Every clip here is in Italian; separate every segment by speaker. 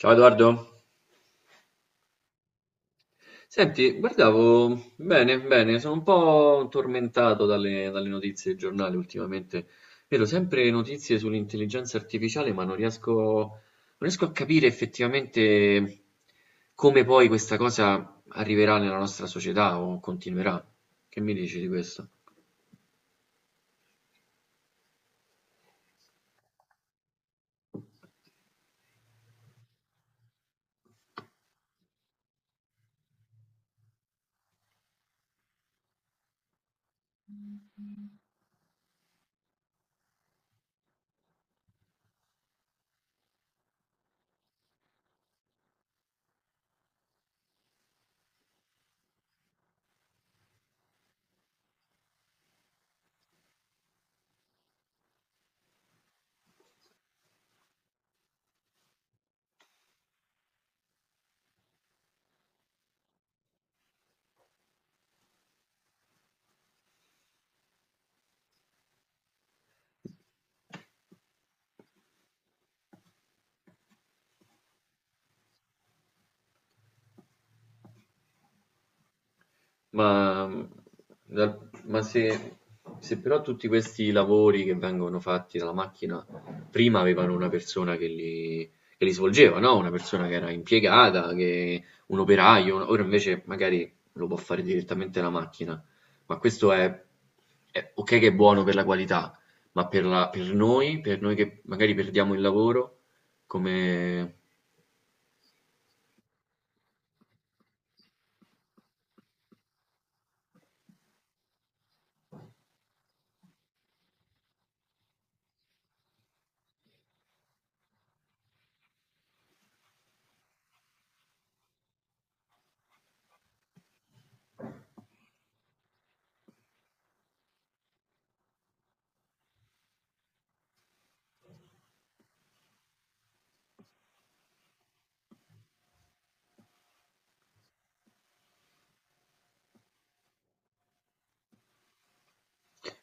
Speaker 1: Ciao Edoardo, senti, guardavo bene, sono un po' tormentato dalle notizie del giornale ultimamente. Vedo sempre notizie sull'intelligenza artificiale, ma non riesco, non riesco a capire effettivamente come poi questa cosa arriverà nella nostra società o continuerà. Che mi dici di questo? Ma, mm, dal- ma se, Se però tutti questi lavori che vengono fatti dalla macchina prima avevano una persona che li svolgeva, no? Una persona che era impiegata, che, un operaio, ora invece magari lo può fare direttamente la macchina. Ma questo è, è ok che è buono per la qualità, ma per noi che magari perdiamo il lavoro, come?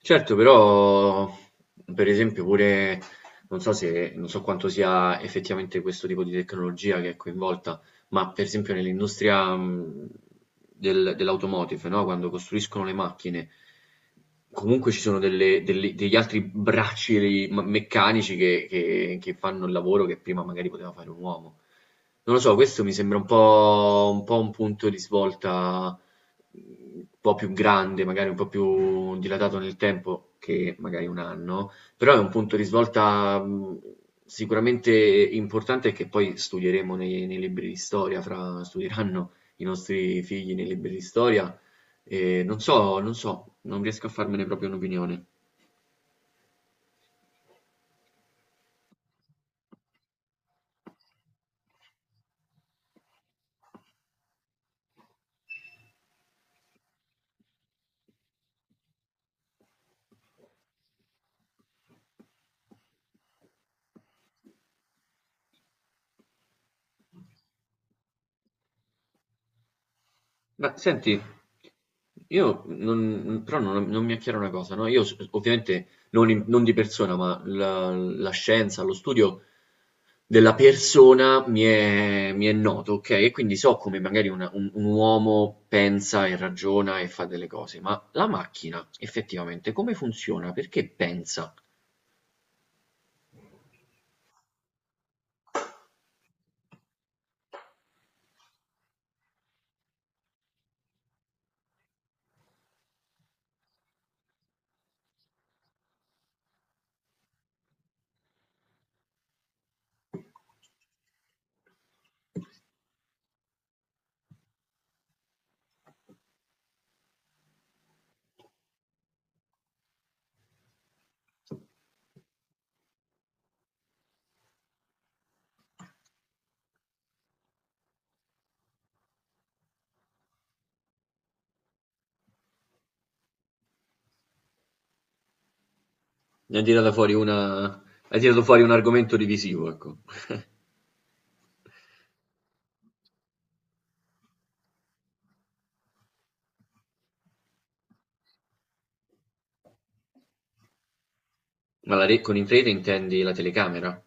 Speaker 1: Certo, però per esempio pure non so quanto sia effettivamente questo tipo di tecnologia che è coinvolta, ma per esempio nell'industria dell'automotive, no? Quando costruiscono le macchine, comunque ci sono degli altri bracci meccanici che fanno il lavoro che prima magari poteva fare un uomo. Non lo so, questo mi sembra un po' un punto di svolta un po' più grande, magari un po' più dilatato nel tempo che magari un anno, però è un punto di svolta sicuramente importante che poi studieremo nei libri di storia, studieranno i nostri figli nei libri di storia. E non so, non riesco a farmene proprio un'opinione. Ma senti, io non, però non, non mi è chiara una cosa, no? Io ovviamente non di persona, ma la scienza, lo studio della persona mi è noto, ok? E quindi so come magari un uomo pensa e ragiona e fa delle cose, ma la macchina effettivamente come funziona? Perché pensa? Ne hai tirata fuori una, hai tirato fuori un argomento divisivo, ecco. Ma con il rete intendi la telecamera?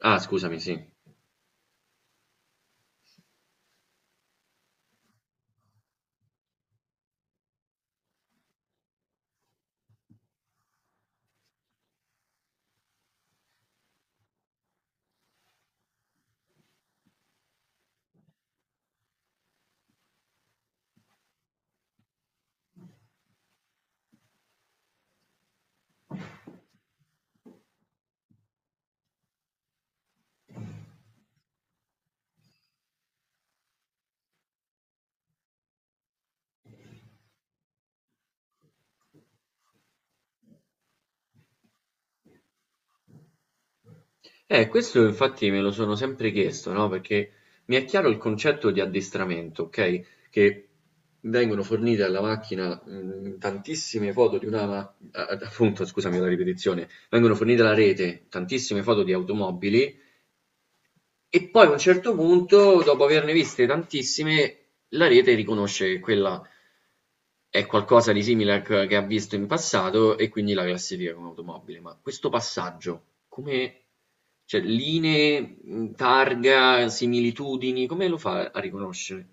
Speaker 1: Ah, scusami, sì. Questo infatti me lo sono sempre chiesto, no? Perché mi è chiaro il concetto di addestramento, ok? Che vengono fornite alla macchina tantissime foto di una, ma- a- a- appunto, scusami la ripetizione, vengono fornite alla rete tantissime foto di automobili e poi a un certo punto, dopo averne viste tantissime, la rete riconosce che quella è qualcosa di simile a che ha visto in passato e quindi la classifica come automobile. Ma questo passaggio, come, cioè, linee, targa, similitudini, come lo fa a riconoscere?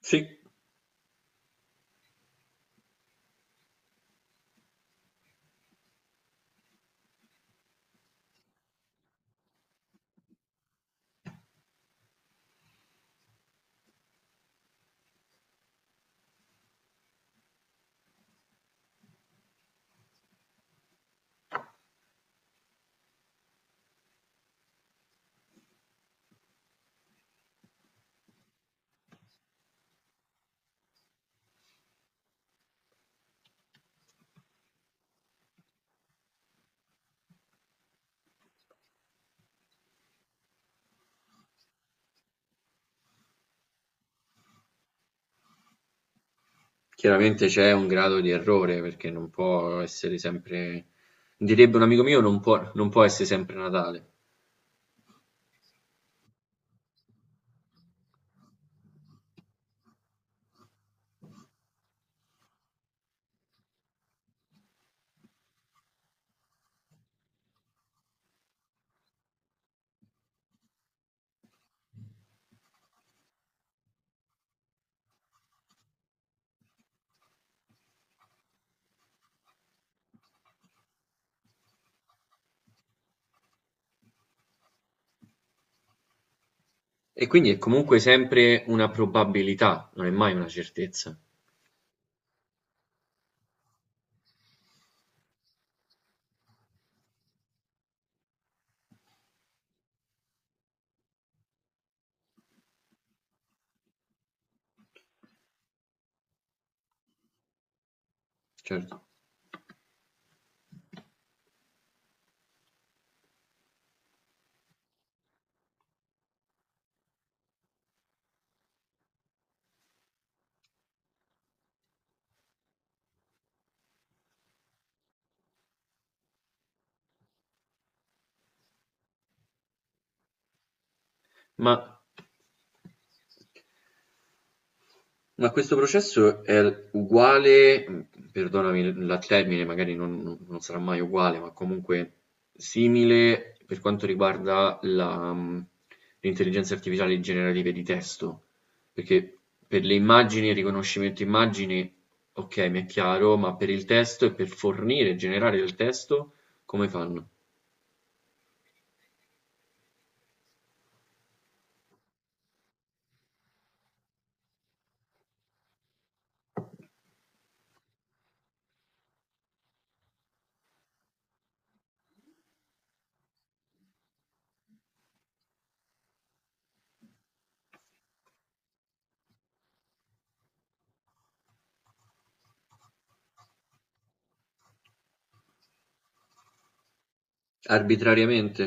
Speaker 1: Sì. Chiaramente c'è un grado di errore perché non può essere sempre, direbbe un amico mio, non può essere sempre Natale. E quindi è comunque sempre una probabilità, non è mai una certezza. Certo. Ma Ma questo processo è uguale, perdonami la termine, magari non sarà mai uguale, ma comunque simile per quanto riguarda la, l'intelligenza artificiale generativa di testo, perché per le immagini, il riconoscimento immagini, ok, mi è chiaro, ma per il testo e per fornire e generare il testo, come fanno? Arbitrariamente?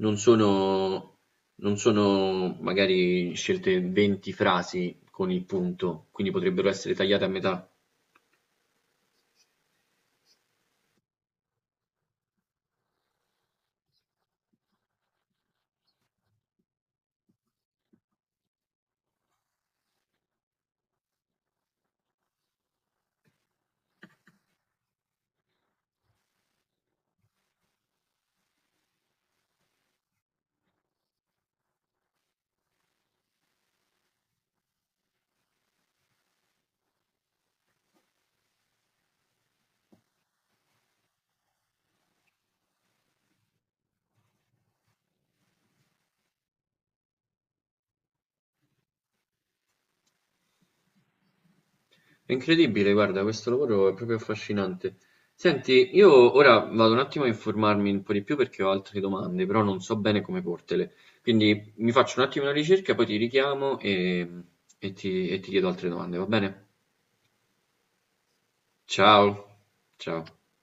Speaker 1: Non sono, non sono magari scelte 20 frasi con il punto, quindi potrebbero essere tagliate a metà. È incredibile, guarda, questo lavoro è proprio affascinante. Senti, io ora vado un attimo a informarmi un po' di più perché ho altre domande, però non so bene come portele. Quindi mi faccio un attimo una ricerca, poi ti richiamo e ti chiedo altre domande, va bene? Ciao, ciao.